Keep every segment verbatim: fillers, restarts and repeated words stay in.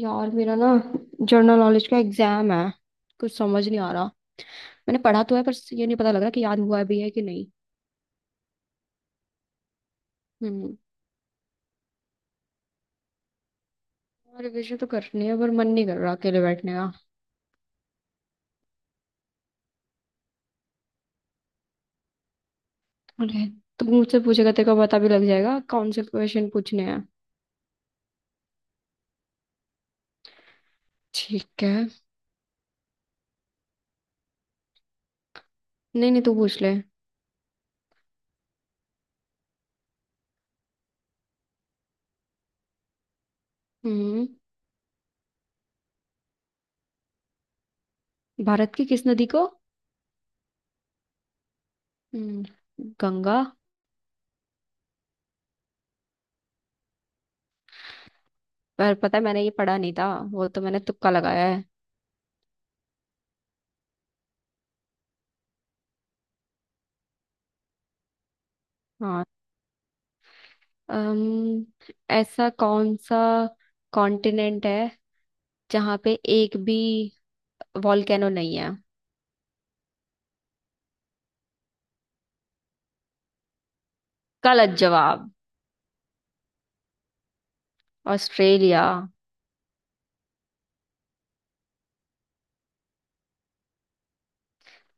यार मेरा ना जनरल नॉलेज का एग्जाम है। कुछ समझ नहीं आ रहा। मैंने पढ़ा तो है पर ये नहीं पता लग रहा कि याद हुआ भी है कि नहीं। हम्म। और रिविजन तो करनी है पर मन नहीं कर रहा अकेले बैठने का। अरे, तू मुझसे पूछेगा तेरे को पता भी लग जाएगा कौन से क्वेश्चन पूछने हैं। ठीक है। नहीं नहीं, तू पूछ ले। हम्म। भारत की किस नदी को? हम्म। गंगा। पर पता है मैंने ये पढ़ा नहीं था। वो तो मैंने तुक्का लगाया है। हाँ। अम्म ऐसा कौन सा कॉन्टिनेंट है जहां पे एक भी वॉल्केनो नहीं है? गलत जवाब। ऑस्ट्रेलिया।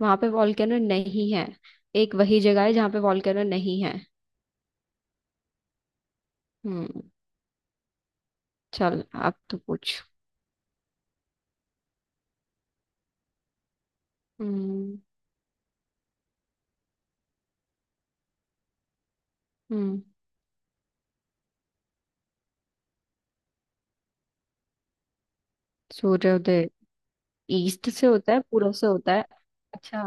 वहां पे वॉल्केनो नहीं है। एक वही जगह है जहां पे वॉल्केनो नहीं है। हम्म। चल अब तो पूछ। हम्म। हम्म। सूर्योदय। ईस्ट से होता है पूर्व से होता है। अच्छा।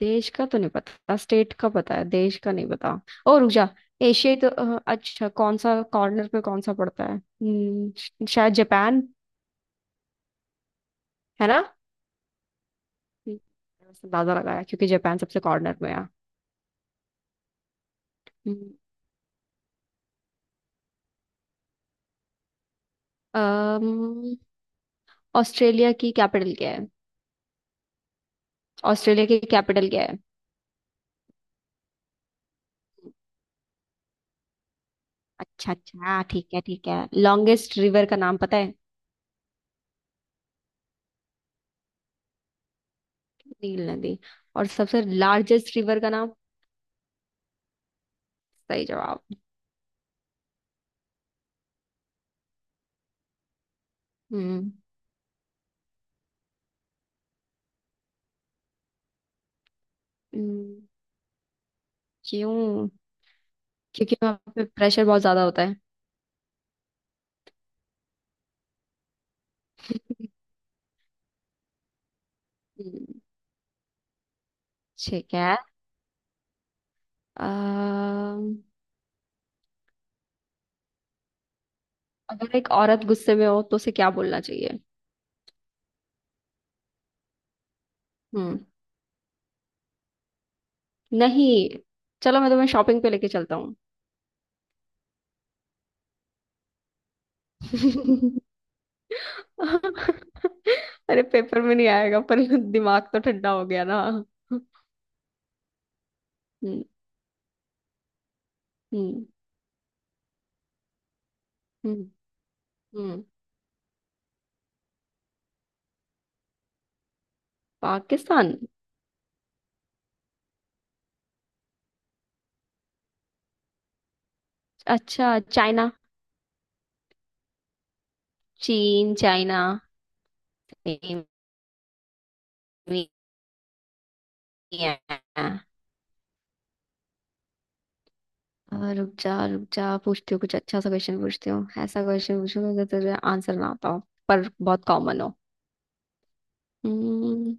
देश का तो नहीं पता, स्टेट का पता है, देश का नहीं पता। ओ रुक जा। एशिया ही तो अ, अच्छा, कौन सा कॉर्नर पे कौन सा पड़ता है, हम्म, श- शायद जापान। है ना? हम्म। मैंने उससे अंदाजा लगाया क्योंकि जापान सबसे कॉर्नर में है। हम्म। अम्म, ऑस्ट्रेलिया की कैपिटल क्या है? ऑस्ट्रेलिया की कैपिटल क्या है? अच्छा अच्छा, ठीक है ठीक है। लॉन्गेस्ट रिवर का नाम पता है? नील नदी। और सबसे लार्जेस्ट रिवर का नाम? सही जवाब। हम्म। हम्म, क्यों? क्योंकि वहाँ पे प्रेशर बहुत ज्यादा होता है। हम्म। ठीक है। अम्म, अगर एक औरत गुस्से में हो तो उसे क्या बोलना चाहिए? हम्म। नहीं। चलो, मैं तुम्हें शॉपिंग पे लेके चलता। अरे पेपर में नहीं आएगा पर दिमाग तो ठंडा हो गया ना। हम्म। हम्म हम्म हम्म। पाकिस्तान। अच्छा, चाइना। चीन चाइना। हाँ। आ, रुक जा रुक जा, पूछती हूँ कुछ अच्छा सा क्वेश्चन, पूछती हूँ ऐसा क्वेश्चन पूछूंगा जो तुझे आंसर ना आता हो पर बहुत कॉमन हो। हम्म।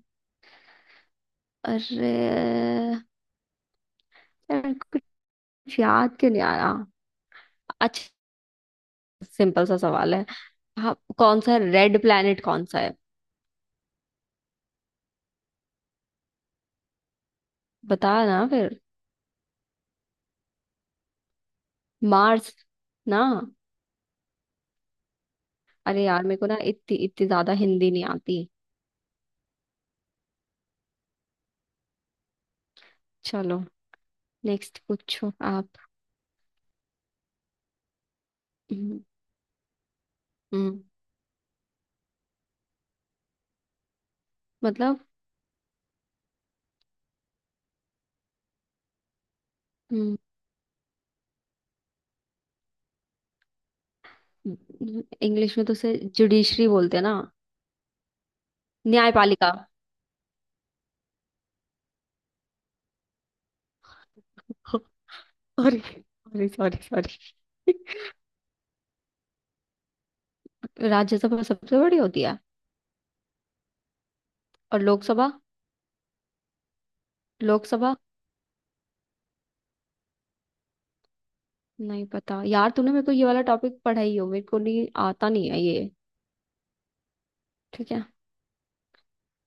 अरे यार, कुछ याद क्यों नहीं आ रहा? अच्छा, सिंपल सा सवाल है। हाँ, कौन सा रेड प्लैनेट कौन सा? बता ना फिर। मार्स। ना। अरे यार मेरे को ना इतनी इतनी ज्यादा हिंदी नहीं आती। चलो। नेक्स्ट पूछो आप। हम्म। हम्म, मतलब। हम्म। इंग्लिश में तो उसे जुडिशरी बोलते हैं ना? न्यायपालिका। Sorry sorry sorry sorry. Rajya Sabha सबसे बड़ी होती है। और लोकसभा। लोकसभा। नहीं पता यार, तूने मेरे को ये वाला टॉपिक पढ़ाई हो, मेरे को नहीं आता नहीं है ये। ठीक है।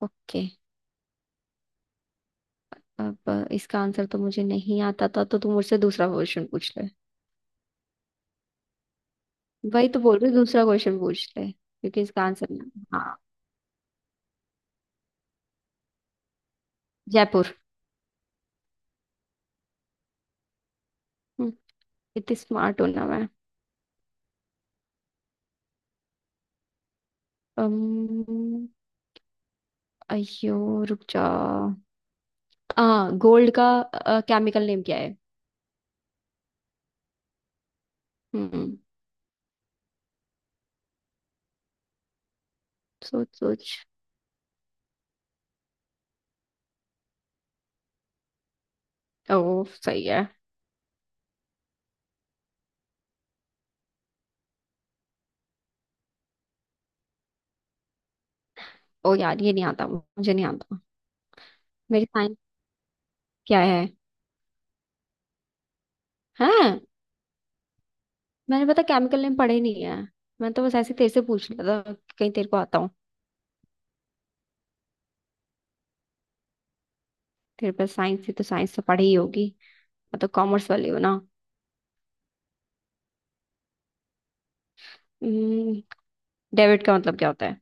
ओके। अब इसका आंसर तो मुझे नहीं आता था तो तू मुझसे दूसरा क्वेश्चन पूछ ले। वही तो बोल रही हूँ, दूसरा क्वेश्चन पूछ ले क्योंकि इसका आंसर ना। हाँ। जयपुर। हम्म, इतनी स्मार्ट हूं ना मैं। अम्म, अयो रुक जा। आ गोल्ड का केमिकल नेम क्या है? हम्म। सोच सोच। ओ सही है। ओ यार, ये नहीं आता, मुझे नहीं आता। मेरी साइंस क्या है? हैं? मैंने पता केमिकल नेम पढ़े नहीं है। मैं तो बस ऐसे ही तेरे से पूछ लिया था, कहीं तेरे को आता हो। तेरे पास साइंस है तो साइंस तो पढ़ी ही होगी। मैं तो कॉमर्स वाली हूँ ना। डेबिट का मतलब क्या होता है?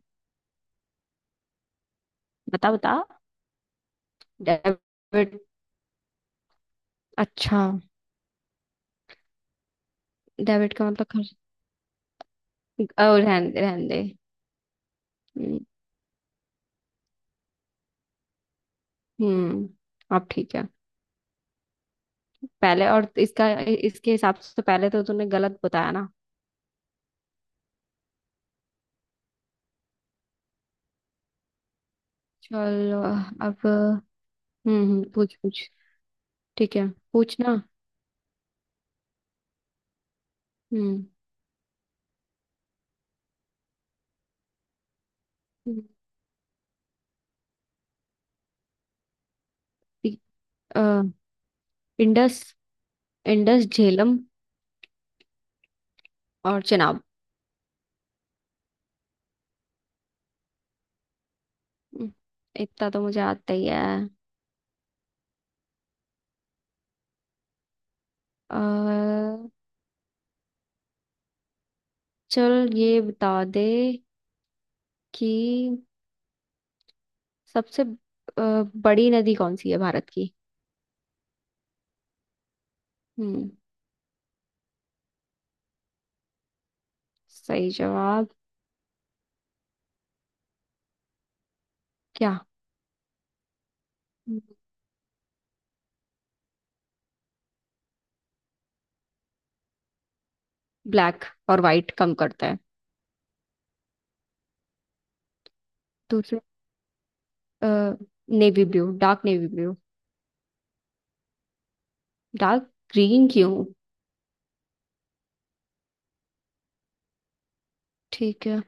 बता बता। डेबिट। अच्छा। डेबिट का मतलब खर्च। और रहने दे रहने दे। हम्म। हम्म, अब ठीक है। पहले और इसका इसके हिसाब से तो पहले तो तूने गलत बताया ना। चलो। अब हम्म। हम्म, पूछ पूछ। ठीक है। पूछना। हम्म। हम्म, ठीक, अ, इंडस। इंडस झेलम और चेनाब। हम्म, इतना तो मुझे आता ही है। आ, चल ये बता दे कि सबसे अ, बड़ी नदी कौन सी है भारत की? हम्म। सही जवाब। क्या? ब्लैक। और वाइट कम करता है। दूसरा। Navy blue dark navy blue. Dark green क्यों? ठीक है।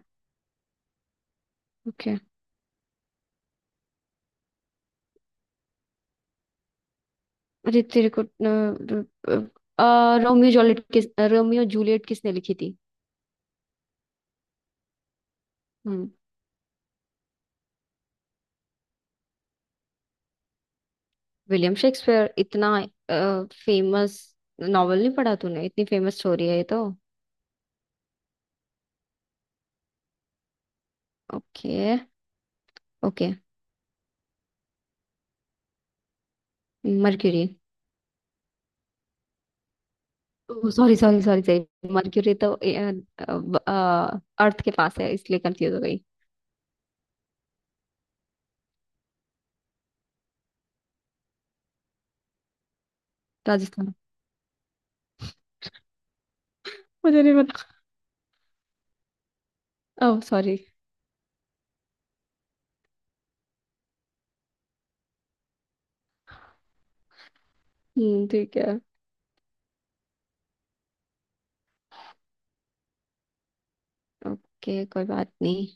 ओके। अरे तेरे को रोमियो जूलियट किस रोमियो जूलियट किसने लिखी थी? हम्म। William Shakespeare. इतना फेमस नॉवल नहीं पढ़ा तूने, इतनी फेमस स्टोरी है ये तो। Okay. Okay. Mercury. Sorry sorry sorry sorry. Mercury तो ए- अ, व- अ, अर्थ के पास है इसलिए कंफ्यूज हो गई। राजस्थान। मुझे नहीं पता। Oh sorry. हम्म ठीक है। ओके कोई बात नहीं।